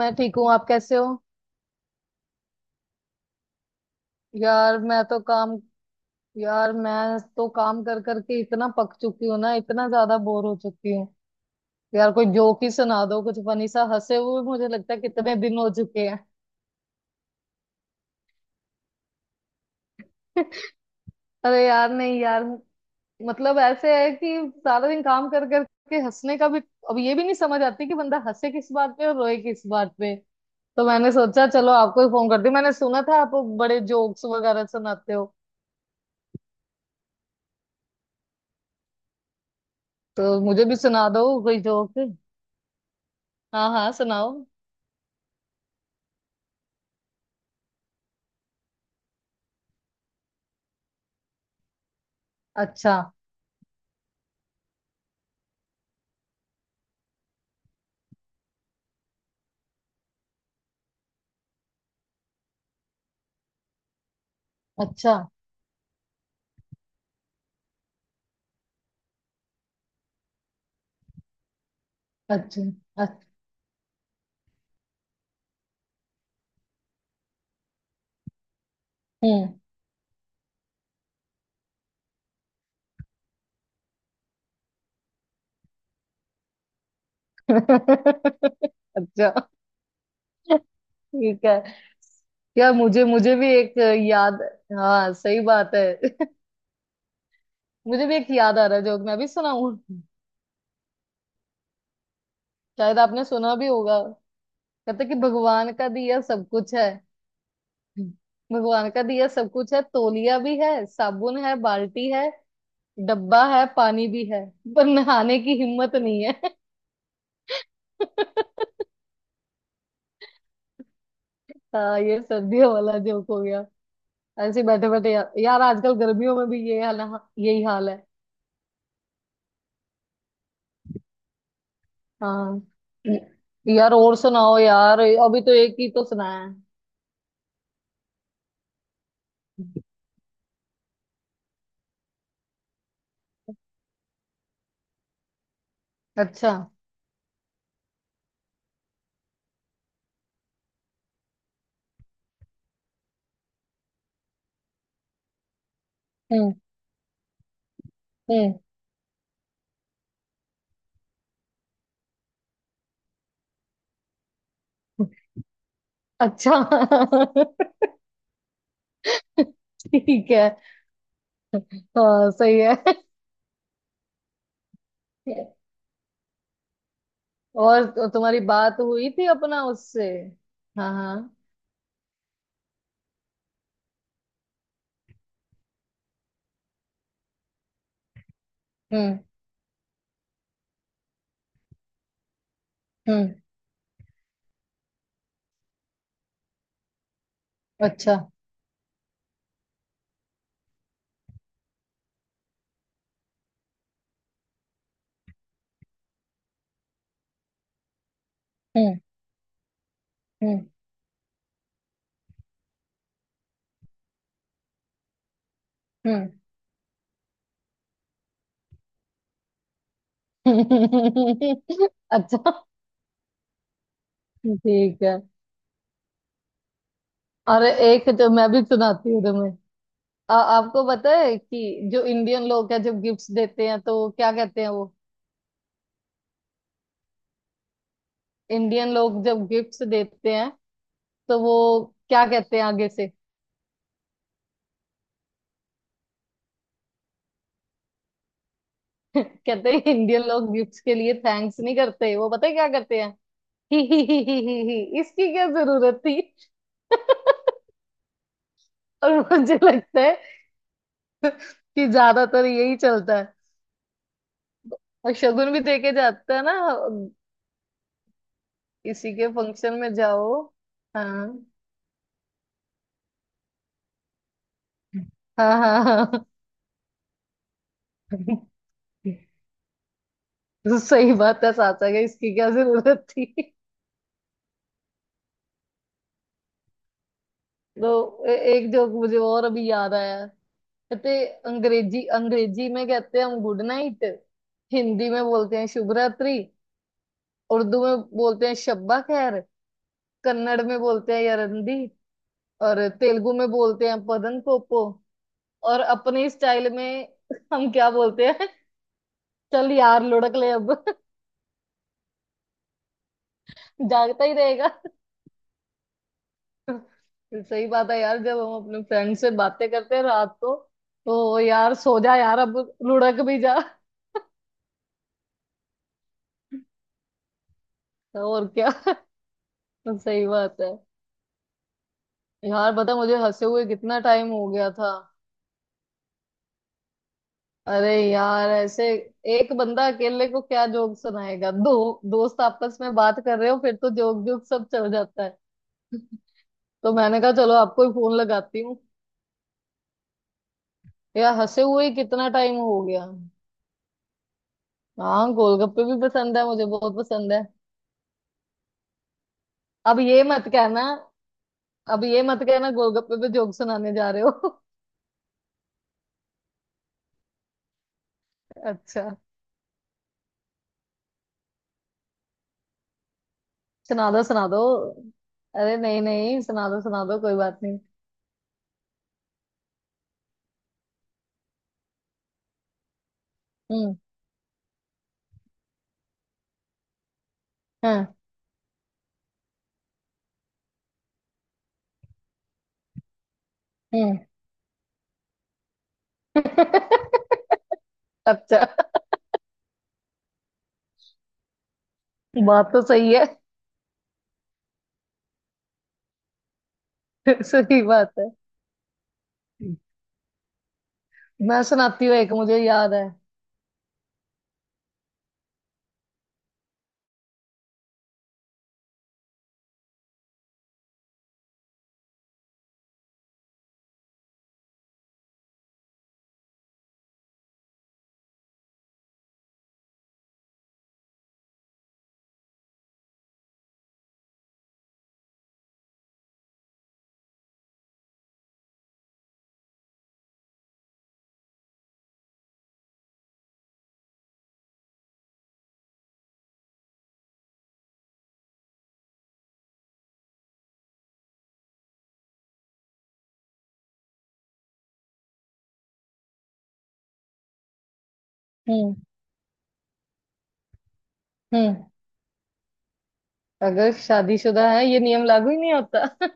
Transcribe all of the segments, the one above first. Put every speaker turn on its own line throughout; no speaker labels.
मैं ठीक हूँ। आप कैसे हो? यार मैं तो काम यार मैं तो काम कर करके इतना पक चुकी हूँ ना, इतना ज्यादा बोर हो चुकी हूँ। यार कोई जोक ही सुना दो, कुछ फनी सा। हंसे हुए मुझे लगता है कितने दिन हो चुके हैं। अरे यार नहीं यार। मतलब ऐसे है कि सारा दिन काम कर करके हंसने का भी, अब ये भी नहीं समझ आती कि बंदा हंसे किस बात पे और रोए किस बात पे। तो मैंने सोचा चलो आपको ही फोन कर दी, मैंने सुना था आप बड़े जोक्स वगैरह सुनाते हो। तो मुझे भी सुना दो कोई जोक। हाँ हाँ, सुनाओ। अच्छा। अच्छा। अच्छा। अच्छा। हम्म। अच्छा। ठीक है। यार मुझे मुझे भी एक याद। हाँ सही बात है। मुझे भी एक याद आ रहा है जोक, मैं भी सुनाऊं? शायद आपने सुना भी होगा। कहते कि भगवान का दिया सब कुछ है। भगवान का दिया सब कुछ है, तौलिया भी है, साबुन है, बाल्टी है, डब्बा है, पानी भी है, पर नहाने की हिम्मत नहीं है। हाँ, ये सर्दियों वाला जोक हो गया। ऐसे ही बैठे बैठे यार, आजकल गर्मियों में भी ये हाल। हाँ, यही हाल है। हाँ। यार और सुनाओ यार, अभी तो एक ही तो सुनाया है। अच्छा। हम्म। हम्म। अच्छा। ठीक है। हाँ सही है। और तो तुम्हारी बात हुई थी अपना उससे? हाँ हाँ। हम्म। हम्म। अच्छा। हम्म। हम्म। हम्म। अच्छा। ठीक है। अरे एक जो मैं भी सुनाती हूँ तुम्हें। आपको पता है कि जो इंडियन लोग हैं जब गिफ्ट्स देते हैं तो क्या कहते हैं वो? इंडियन लोग जब गिफ्ट्स देते हैं तो वो क्या कहते हैं आगे से? कहते हैं इंडियन लोग गिफ्ट्स के लिए थैंक्स नहीं करते, वो पता है क्या करते हैं? ही, इसकी क्या जरूरत थी। और मुझे लगता है कि ज्यादातर यही चलता है। और शगुन भी देके जाता है ना, किसी के फंक्शन में जाओ। हाँ हाँ हाँ हाँ। तो सही बात है, साचा के इसकी क्या जरूरत थी। तो एक जोक मुझे और अभी याद आया। कहते, अंग्रेजी अंग्रेजी में कहते हैं हम गुड नाइट। हिंदी में बोलते हैं शुभ रात्रि। उर्दू में बोलते हैं शब्बा खैर। कन्नड़ में बोलते हैं यरंदी। और तेलुगु में बोलते हैं पदन पोपो। और अपने स्टाइल में हम क्या बोलते हैं? चल यार लुढ़क ले अब। जागता ही रहेगा। सही बात है यार, जब हम अपने फ्रेंड से बातें करते हैं रात को, तो यार सो जा यार अब, लुढ़क भी जा। और क्या। सही बात है। यार बता, मुझे हंसे हुए कितना टाइम हो गया था। अरे यार ऐसे एक बंदा अकेले को क्या जोक सुनाएगा? दो दोस्त आपस में बात कर रहे हो फिर तो जोक जोक सब चल जाता है। तो मैंने कहा चलो आपको ही फोन लगाती हूँ। यार हंसे हुए ही कितना टाइम हो गया। हाँ, गोलगप्पे भी पसंद है, मुझे बहुत पसंद है। अब ये मत कहना। अब ये मत कहना गोलगप्पे पे जोक सुनाने जा रहे हो। अच्छा। सुना दो, सुना दो। अरे नहीं नहीं, सुना दो सुना दो, कोई बात नहीं। हम्म। हाँ। हम्म। अच्छा। बात तो सही है। सही बात है। मैं सुनाती हूँ एक, मुझे याद है। हम्म। हम्म। अगर शादीशुदा है ये नियम लागू ही नहीं होता।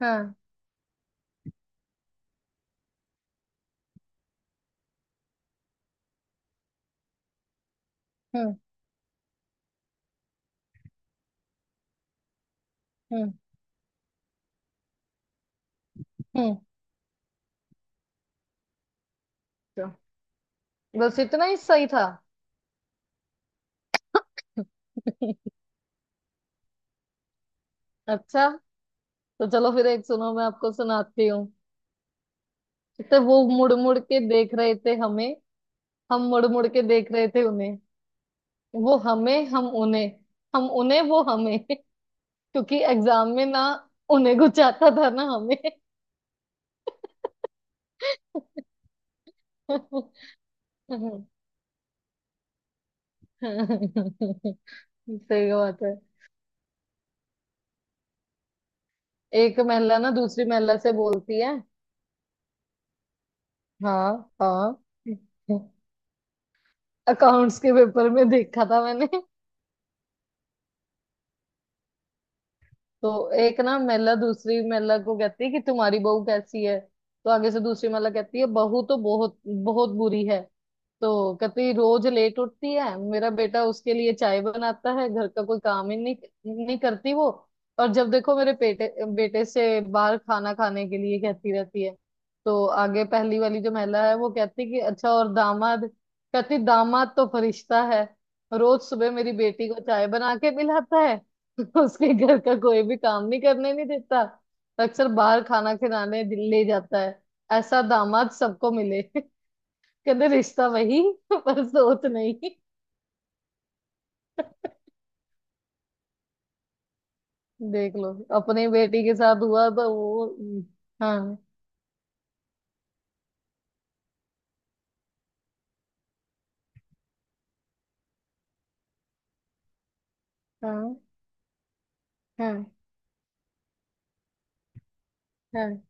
हाँ। हम्म। हम्म। हम्म। तो बस इतना ही सही था। अच्छा। तो चलो फिर एक सुनो, मैं आपको सुनाती हूँ। तो वो मुड़ मुड़ के देख रहे थे हमें, हम मुड़ मुड़ के देख रहे थे उन्हें। वो हमें, हम उन्हें। हम उन्हें, वो हमें। क्योंकि एग्जाम में ना, उन्हें कुछ आता था ना हमें। सही बात है। एक महिला ना दूसरी महिला से बोलती है। हाँ हाँ। अकाउंट्स के पेपर में देखा था मैंने। तो एक ना महिला दूसरी महिला को कहती है कि तुम्हारी बहू कैसी है? तो आगे से दूसरी महिला कहती है, बहू तो बहुत बहुत बुरी है। तो कहती रोज लेट उठती है, मेरा बेटा उसके लिए चाय बनाता है, घर का कोई काम ही नहीं नहीं करती वो। और जब देखो मेरे बेटे बेटे से बाहर खाना खाने के लिए कहती रहती है। तो आगे पहली वाली जो महिला है वो कहती कि अच्छा, और दामाद? कहती, दामाद तो फरिश्ता है, रोज सुबह मेरी बेटी को चाय बना के पिलाता है। उसके घर का कोई भी काम नहीं करने नहीं देता, अक्सर बाहर खाना खिलाने ले जाता है। ऐसा दामाद सबको मिले। कहते रिश्ता वही, पर सोच नहीं। देख लो अपनी बेटी के साथ हुआ तो वो। हाँ हाँ हाँ हाँ।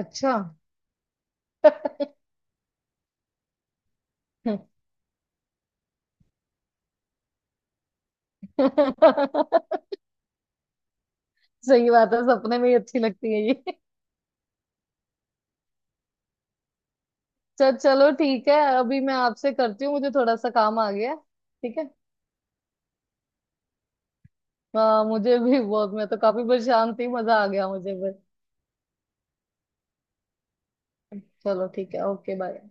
अच्छा। सही बात है, सपने में ही अच्छी लगती है ये। चल चलो ठीक है, अभी मैं आपसे करती हूँ, मुझे थोड़ा सा काम आ गया। ठीक है। हाँ मुझे भी बहुत, मैं तो काफी परेशान थी, मजा आ गया मुझे भी। चलो ठीक है, ओके बाय।